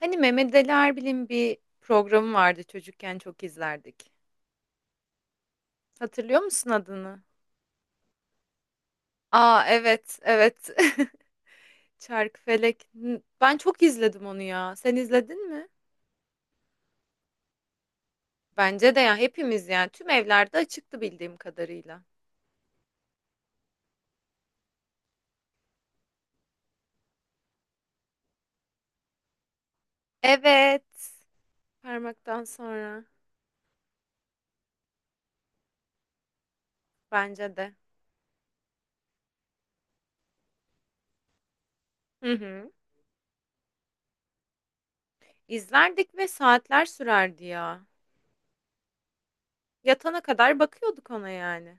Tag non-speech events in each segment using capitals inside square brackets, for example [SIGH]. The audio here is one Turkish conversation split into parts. Hani Mehmet Ali Erbil'in bir programı vardı çocukken çok izlerdik. Hatırlıyor musun adını? Aa evet evet. [LAUGHS] Çarkıfelek. Ben çok izledim onu ya. Sen izledin mi? Bence de ya hepimiz yani tüm evlerde açıktı bildiğim kadarıyla. Evet. Parmaktan sonra bence de. Hı hı. İzlerdik ve saatler sürerdi ya. Yatana kadar bakıyorduk ona yani.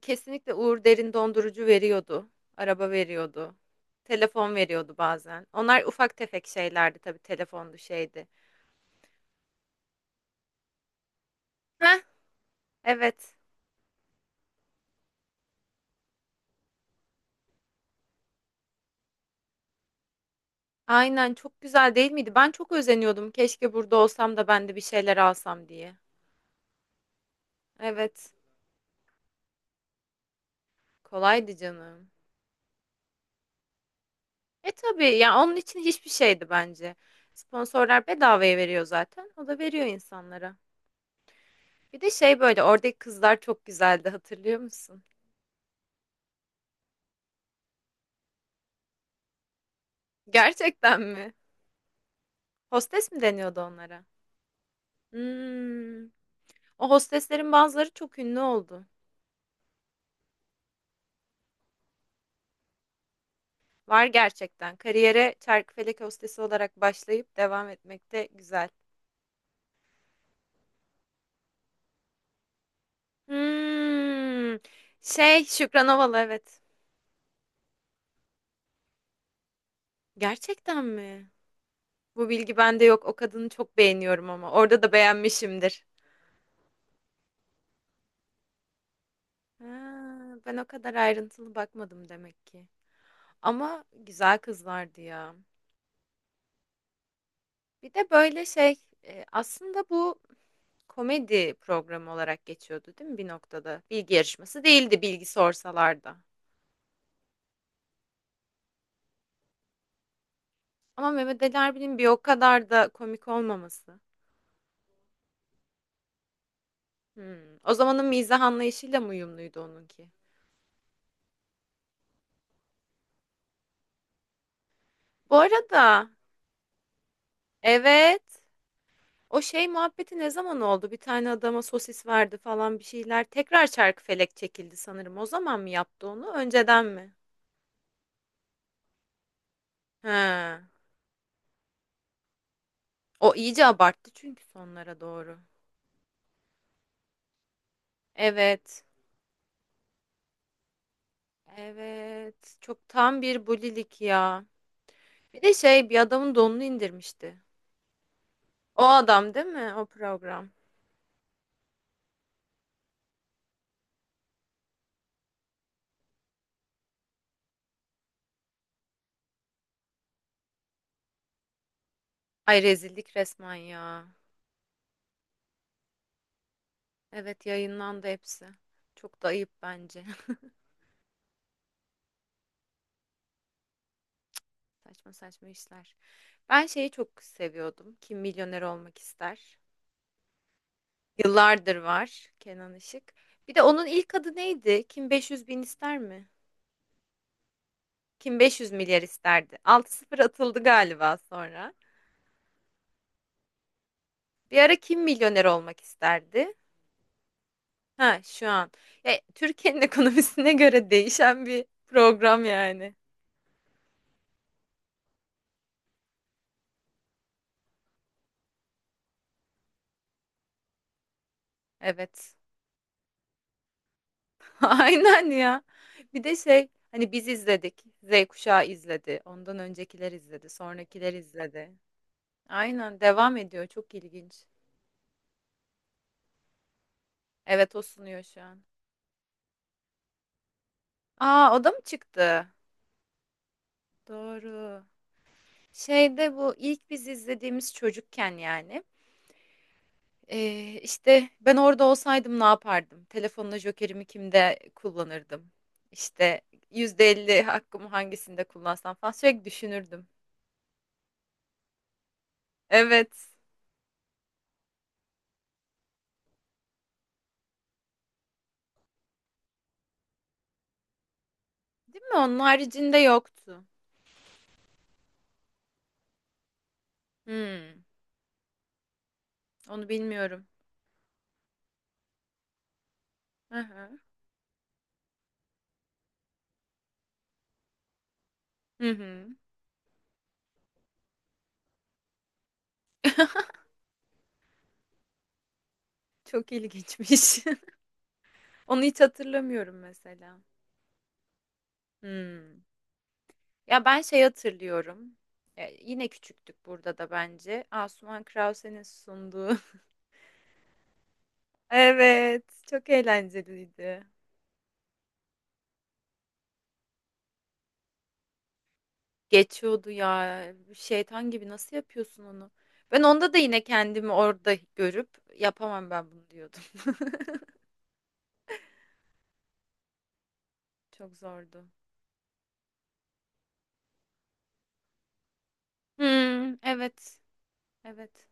Kesinlikle Uğur Derin dondurucu veriyordu. Araba veriyordu. Telefon veriyordu bazen. Onlar ufak tefek şeylerdi tabii telefondu şeydi. Heh, evet. Aynen çok güzel değil miydi? Ben çok özeniyordum. Keşke burada olsam da ben de bir şeyler alsam diye. Evet. Kolaydı canım. E tabii ya onun için hiçbir şeydi bence. Sponsorlar bedavaya veriyor zaten. O da veriyor insanlara. Bir de şey böyle oradaki kızlar çok güzeldi hatırlıyor musun? Gerçekten mi? Hostes mi deniyordu onlara? Hmm. O hosteslerin bazıları çok ünlü oldu. Var gerçekten. Kariyere çarkıfelek hostesi olarak başlayıp devam etmek de güzel. Hmm. Şey, Şükran Ovalı evet. Gerçekten mi? Bu bilgi bende yok. O kadını çok beğeniyorum ama. Orada da beğenmişimdir. Ha, ben o kadar ayrıntılı bakmadım demek ki. Ama güzel kızlardı ya. Bir de böyle şey, e, aslında bu komedi programı olarak geçiyordu değil mi bir noktada? Bilgi yarışması değildi bilgi sorsalar da. Ama Mehmet Ali Erbil'in bir o kadar da komik olmaması. Hmm. O zamanın mizah anlayışıyla mı uyumluydu onunki? Bu arada evet o şey muhabbeti ne zaman oldu? Bir tane adama sosis verdi falan bir şeyler. Tekrar Çarkıfelek çekildi sanırım. O zaman mı yaptı onu? Önceden mi? He. O iyice abarttı çünkü sonlara doğru. Evet. Evet. Çok tam bir bulilik ya. Bir de şey bir adamın donunu indirmişti. O adam değil mi? O program. Ay rezillik resmen ya. Evet yayınlandı hepsi. Çok da ayıp bence. [LAUGHS] Saçma saçma işler. Ben şeyi çok seviyordum. Kim Milyoner Olmak ister? Yıllardır var Kenan Işık. Bir de onun ilk adı neydi? Kim 500 bin ister mi? Kim 500 milyar isterdi? Altı sıfır atıldı galiba sonra. Bir ara Kim Milyoner Olmak isterdi? Ha şu an. E, Türkiye'nin [LAUGHS] ekonomisine göre değişen bir program yani. Evet. [LAUGHS] Aynen ya. Bir de şey hani biz izledik. Z kuşağı izledi. Ondan öncekiler izledi. Sonrakiler izledi. Aynen devam ediyor. Çok ilginç. Evet o sunuyor şu an. Aa o da mı çıktı? Doğru. Şeyde bu ilk biz izlediğimiz çocukken yani. İşte ben orada olsaydım ne yapardım? Telefonla jokerimi kimde kullanırdım? İşte %50 hakkımı hangisinde kullansam falan sürekli düşünürdüm. Evet. Değil mi? Onun haricinde yoktu. Hmm, onu bilmiyorum. Hı hı. Hı hı. Çok ilginçmiş. [LAUGHS] Onu hiç hatırlamıyorum mesela. Hmm. Ya ben şey hatırlıyorum. E, yine küçüktük burada da bence. Asuman Krause'nin sunduğu. [LAUGHS] Evet, çok eğlenceliydi. Geçiyordu ya. Şeytan gibi nasıl yapıyorsun onu? Ben onda da yine kendimi orada görüp yapamam ben bunu diyordum. [LAUGHS] Çok zordu. Hmm, evet. Evet.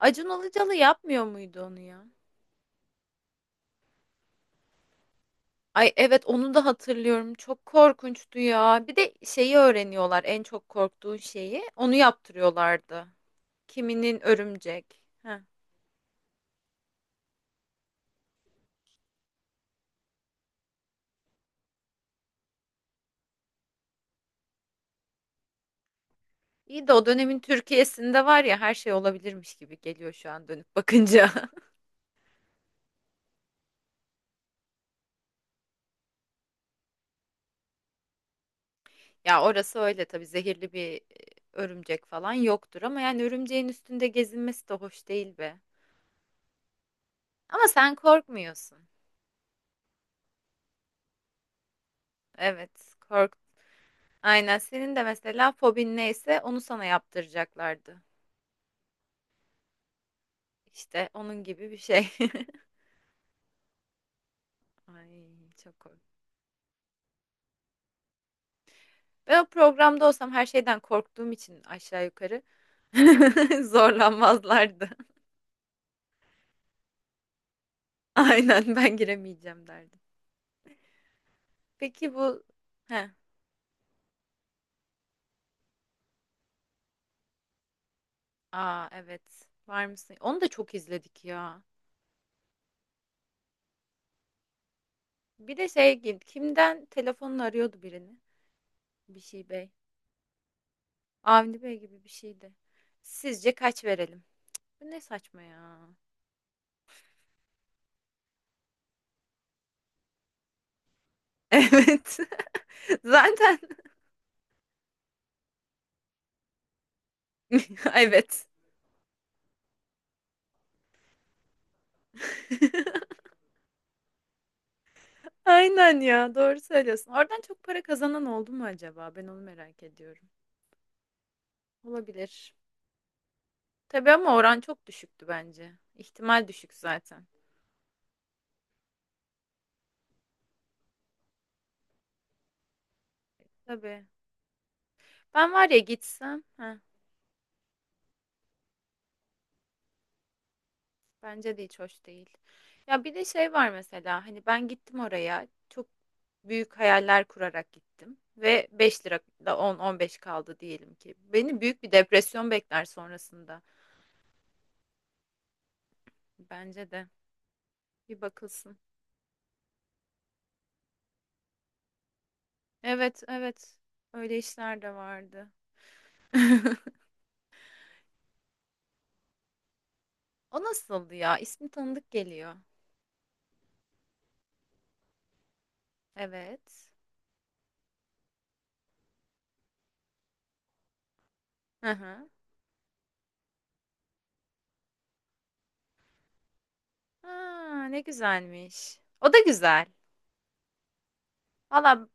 Acun Ilıcalı yapmıyor muydu onu ya? Ay evet onu da hatırlıyorum. Çok korkunçtu ya. Bir de şeyi öğreniyorlar en çok korktuğun şeyi. Onu yaptırıyorlardı. Kiminin örümcek. Heh. İyi de o dönemin Türkiye'sinde var ya her şey olabilirmiş gibi geliyor şu an dönüp bakınca. [LAUGHS] Ya orası öyle tabii zehirli bir örümcek falan yoktur ama yani örümceğin üstünde gezinmesi de hoş değil be. Ama sen korkmuyorsun. Evet, kork. Aynen senin de mesela fobin neyse onu sana yaptıracaklardı. İşte onun gibi bir şey. [LAUGHS] Ay çok kork. Ben o programda olsam her şeyden korktuğum için aşağı yukarı [LAUGHS] zorlanmazlardı. Aynen ben giremeyeceğim derdim. Peki bu heh. Aa evet. Var mısın? Onu da çok izledik ya. Bir de şey gibi kimden telefonla arıyordu birini. Bir şey bey. Avni Bey gibi bir şeydi. Sizce kaç verelim? Bu ne saçma ya. [LAUGHS] Evet. [LAUGHS] Zaten [LAUGHS] evet. [LAUGHS] Aynen ya doğru söylüyorsun. Oradan çok para kazanan oldu mu acaba? Ben onu merak ediyorum. Olabilir. Tabii ama oran çok düşüktü bence. İhtimal düşük zaten. Tabii. Ben var ya gitsem. Heh. Bence de hiç hoş değil. Ya bir de şey var mesela hani ben gittim oraya çok büyük hayaller kurarak gittim ve 5 lira da 10 15 kaldı diyelim ki. Beni büyük bir depresyon bekler sonrasında. Bence de bir bakılsın. Evet evet öyle işler de vardı. [LAUGHS] O nasıldı ya? İsmi tanıdık geliyor. Evet. Hı hı. Aa, ne güzelmiş. O da güzel. Valla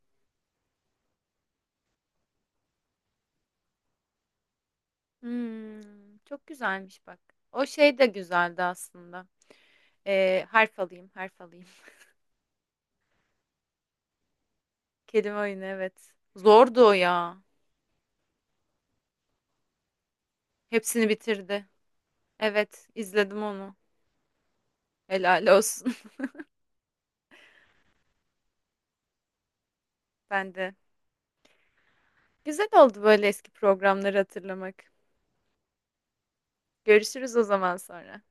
hmm, çok güzelmiş bak. O şey de güzeldi aslında. Harf alayım, harf alayım. [LAUGHS] Kelime oyunu evet. Zordu o ya. Hepsini bitirdi. Evet, izledim onu. Helal olsun. [LAUGHS] Ben de. Güzel oldu böyle eski programları hatırlamak. Görüşürüz o zaman sonra.